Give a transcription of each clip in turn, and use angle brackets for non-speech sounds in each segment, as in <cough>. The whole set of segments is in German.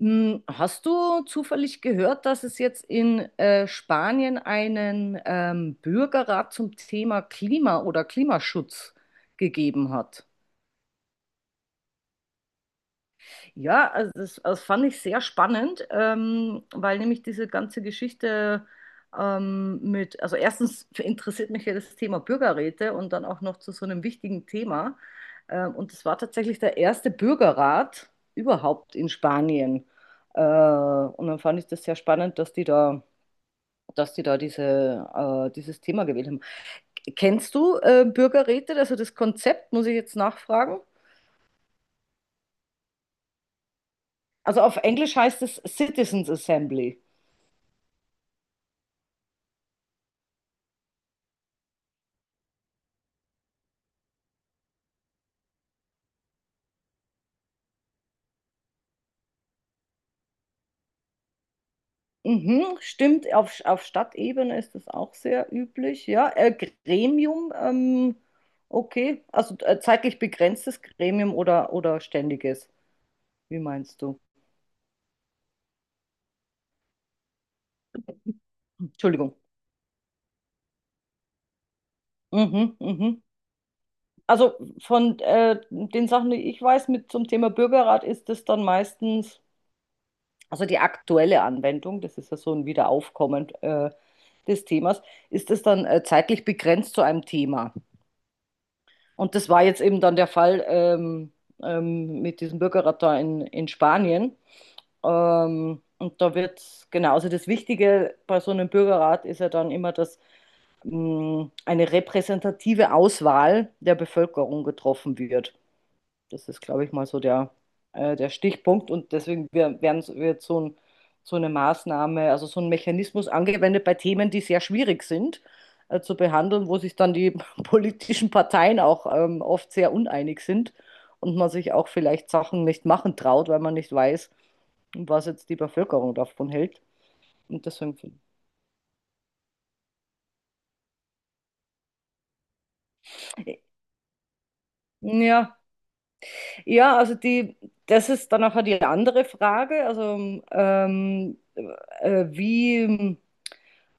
Hast du zufällig gehört, dass es jetzt in Spanien einen Bürgerrat zum Thema Klima oder Klimaschutz gegeben hat? Ja, also das fand ich sehr spannend, weil nämlich diese ganze Geschichte also erstens interessiert mich ja das Thema Bürgerräte und dann auch noch zu so einem wichtigen Thema. Und das war tatsächlich der erste Bürgerrat überhaupt in Spanien. Und dann fand ich das sehr spannend, dass die da diese, dieses Thema gewählt haben. Kennst du Bürgerräte? Also das Konzept muss ich jetzt nachfragen. Also auf Englisch heißt es Citizens Assembly. Mhm, stimmt, auf Stadtebene ist das auch sehr üblich. Ja, Gremium, okay, also zeitlich begrenztes Gremium oder ständiges, wie meinst du? Entschuldigung. Mhm, mhm. Also von den Sachen, die ich weiß mit zum Thema Bürgerrat, ist das dann meistens, also die aktuelle Anwendung, das ist ja so ein Wiederaufkommen des Themas, ist es dann zeitlich begrenzt zu einem Thema. Und das war jetzt eben dann der Fall mit diesem Bürgerrat da in Spanien. Und da wird Genau, also das Wichtige bei so einem Bürgerrat ist ja dann immer, dass eine repräsentative Auswahl der Bevölkerung getroffen wird. Das ist, glaube ich, mal so der, der Stichpunkt. Und deswegen wird so ein, so eine Maßnahme, also so ein Mechanismus angewendet bei Themen, die sehr schwierig sind, zu behandeln, wo sich dann die <laughs> politischen Parteien auch oft sehr uneinig sind und man sich auch vielleicht Sachen nicht machen traut, weil man nicht weiß, was jetzt die Bevölkerung davon hält. Und deswegen, finde ja, ja, also die, das ist dann auch die andere Frage. Also wie.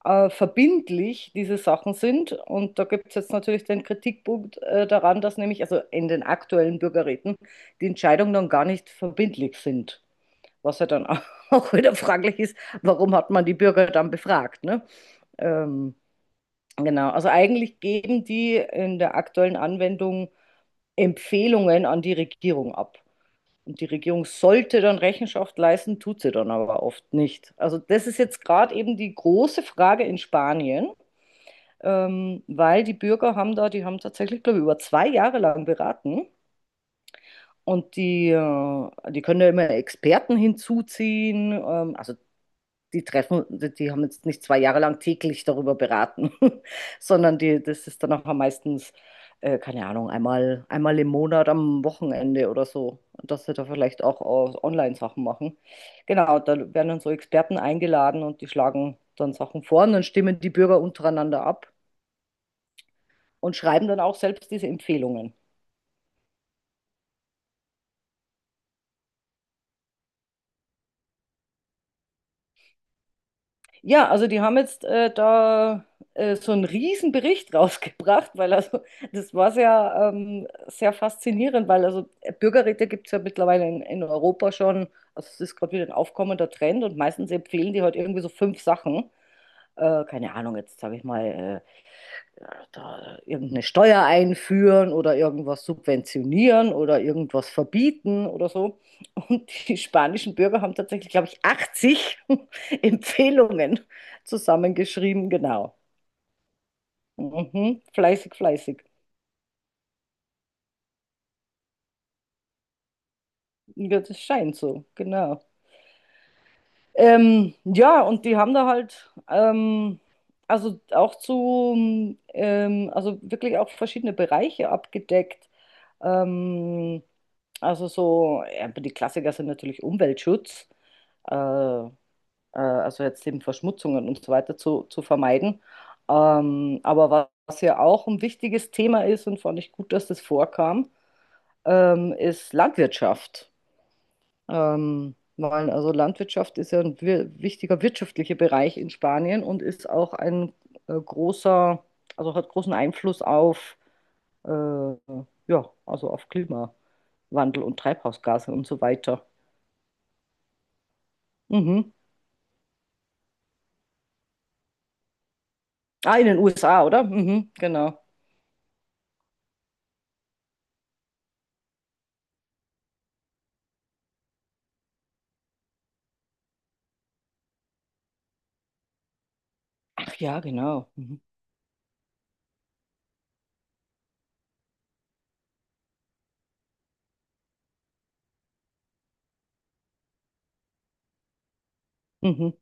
Verbindlich diese Sachen sind. Und da gibt es jetzt natürlich den Kritikpunkt daran, dass nämlich, also in den aktuellen Bürgerräten, die Entscheidungen dann gar nicht verbindlich sind. Was ja dann auch <laughs> auch wieder fraglich ist, warum hat man die Bürger dann befragt, ne? Ähm, genau, also eigentlich geben die in der aktuellen Anwendung Empfehlungen an die Regierung ab. Und die Regierung sollte dann Rechenschaft leisten, tut sie dann aber oft nicht. Also das ist jetzt gerade eben die große Frage in Spanien, weil die Bürger haben da, die haben tatsächlich, glaube ich, über 2 Jahre lang beraten und die, die können ja immer Experten hinzuziehen. Also die treffen, die haben jetzt nicht 2 Jahre lang täglich darüber beraten, <laughs> sondern die, das ist dann auch meistens, keine Ahnung, einmal im Monat am Wochenende oder so, dass sie da vielleicht auch Online-Sachen machen. Genau, da werden dann so Experten eingeladen und die schlagen dann Sachen vor und dann stimmen die Bürger untereinander ab und schreiben dann auch selbst diese Empfehlungen. Ja, also die haben jetzt da so einen riesen Bericht <laughs> rausgebracht, weil also das war sehr, sehr faszinierend, weil also Bürgerräte gibt es ja mittlerweile in Europa schon, also es ist gerade wieder ein aufkommender Trend und meistens empfehlen die halt irgendwie so fünf Sachen. Keine Ahnung, jetzt sage ich mal, da irgendeine Steuer einführen oder irgendwas subventionieren oder irgendwas verbieten oder so. Und die spanischen Bürger haben tatsächlich, glaube ich, 80 <laughs> Empfehlungen zusammengeschrieben, genau. Mhm. Fleißig, fleißig. Ja, das scheint so, genau. Ja, und die haben da halt, also wirklich auch verschiedene Bereiche abgedeckt. Ähm, also so, ja, die Klassiker sind natürlich Umweltschutz, äh, äh, also jetzt eben Verschmutzungen und so weiter zu vermeiden. Was ja auch ein wichtiges Thema ist und fand ich gut, dass das vorkam, ist Landwirtschaft. Weil also Landwirtschaft ist ja ein wichtiger wirtschaftlicher Bereich in Spanien und ist auch ein äh, großer, also hat großen Einfluss auf, äh, ja, also auf Klimawandel und Treibhausgase und so weiter. Mhm. Ah, in den USA, oder? Mhm, genau. Ach ja, genau. Mhm. Mhm.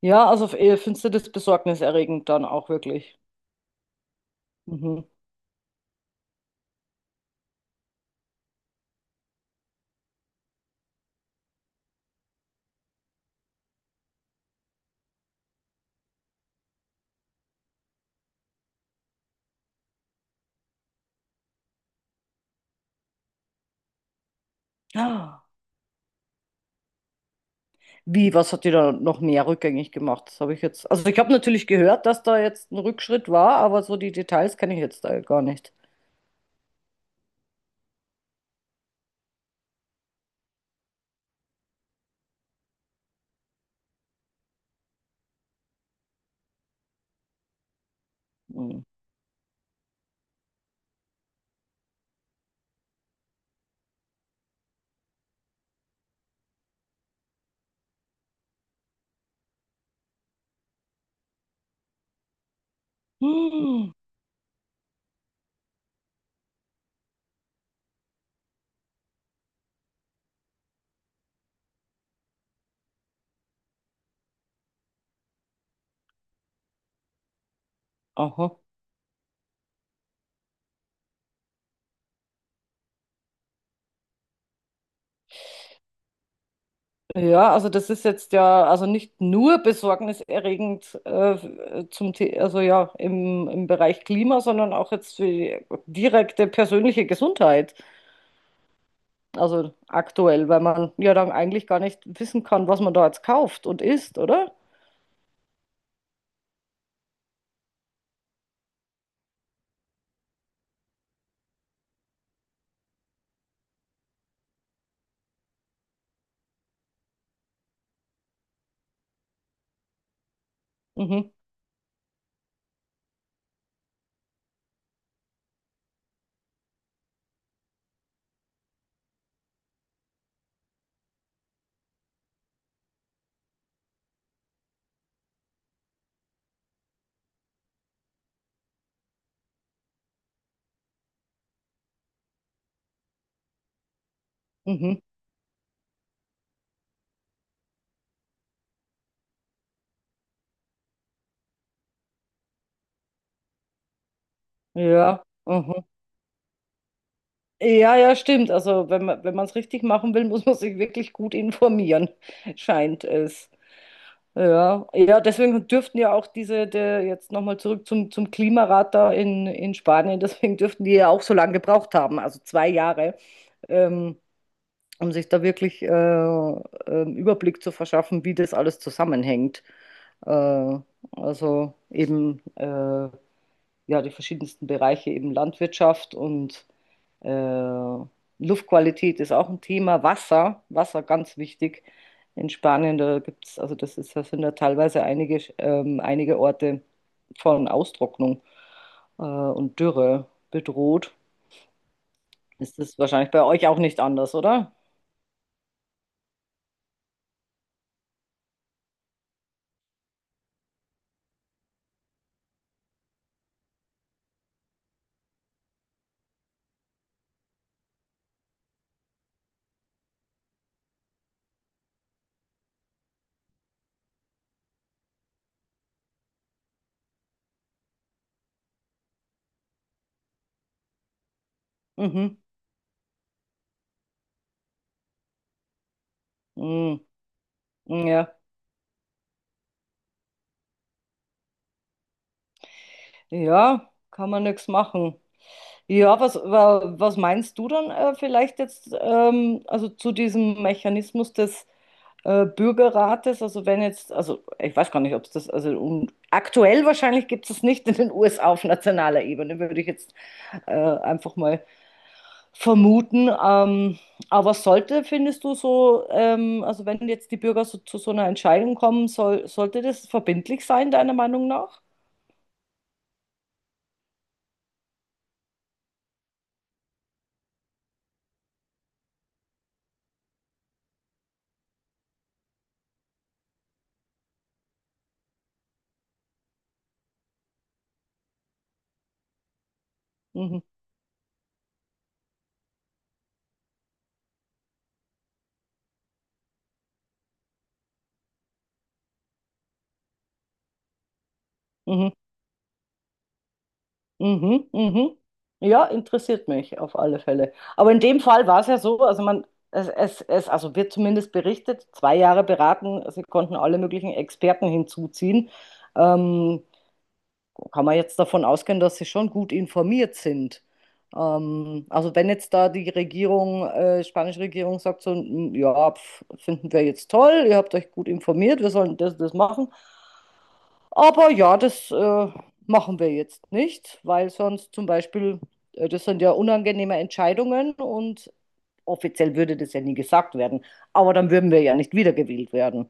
Ja, also findest du das besorgniserregend dann auch wirklich. Mhm. Ah. Wie, was hat die da noch mehr rückgängig gemacht? Das habe ich jetzt. Also ich habe natürlich gehört, dass da jetzt ein Rückschritt war, aber so die Details kenne ich jetzt da gar nicht. Hm. Hm. Aha. Ja, also das ist jetzt ja also nicht nur besorgniserregend zum The also ja im Bereich Klima, sondern auch jetzt für die direkte persönliche Gesundheit. Also aktuell, weil man ja dann eigentlich gar nicht wissen kann, was man da jetzt kauft und isst, oder? Mhm. Mhm. Ja. Mhm. Ja, ja, stimmt. Also wenn man es richtig machen will, <laughs> muss man sich wirklich gut informieren, <laughs> scheint es. Ja, ja, deswegen dürften ja auch jetzt nochmal zurück zum Klimarat da in Spanien, <laughs> deswegen dürften die ja auch so lange gebraucht haben, also 2 Jahre, ähm, um sich da wirklich einen Überblick zu verschaffen, wie das alles zusammenhängt. Äh, also eben äh, ja, die verschiedensten Bereiche, eben Landwirtschaft und äh, Luftqualität ist auch ein Thema. Wasser, Wasser ganz wichtig. In Spanien, da gibt's, das sind da teilweise einige Orte von Austrocknung und Dürre bedroht. Ist das wahrscheinlich bei euch auch nicht anders, oder? Mhm. Mhm. Mhm, ja. Ja, kann man nichts machen. Ja, was meinst du dann vielleicht jetzt also zu diesem Mechanismus des Bürgerrates. Also wenn jetzt, also ich weiß gar nicht, ob es das, also um, aktuell wahrscheinlich gibt es es nicht in den USA auf nationaler Ebene, würde ich jetzt einfach mal vermuten. Aber sollte, findest du so, also wenn jetzt die Bürger so, zu so einer Entscheidung kommen, soll, sollte das verbindlich sein, deiner Meinung nach? Mhm. Mhm. Mhm, mhm. Ja, interessiert mich auf alle Fälle. Aber in dem Fall war es ja so, also man, also wird zumindest berichtet, zwei Jahre beraten, sie konnten alle möglichen Experten hinzuziehen. Ähm, Kann man jetzt davon ausgehen, dass sie schon gut informiert sind. Also wenn jetzt da die Regierung, spanische Regierung sagt so: "M, ja, pf, finden wir jetzt toll, ihr habt euch gut informiert, wir sollen das machen. Aber ja, das machen wir jetzt nicht, weil sonst zum Beispiel, das sind ja unangenehme Entscheidungen und offiziell würde das ja nie gesagt werden, aber dann würden wir ja nicht wiedergewählt werden.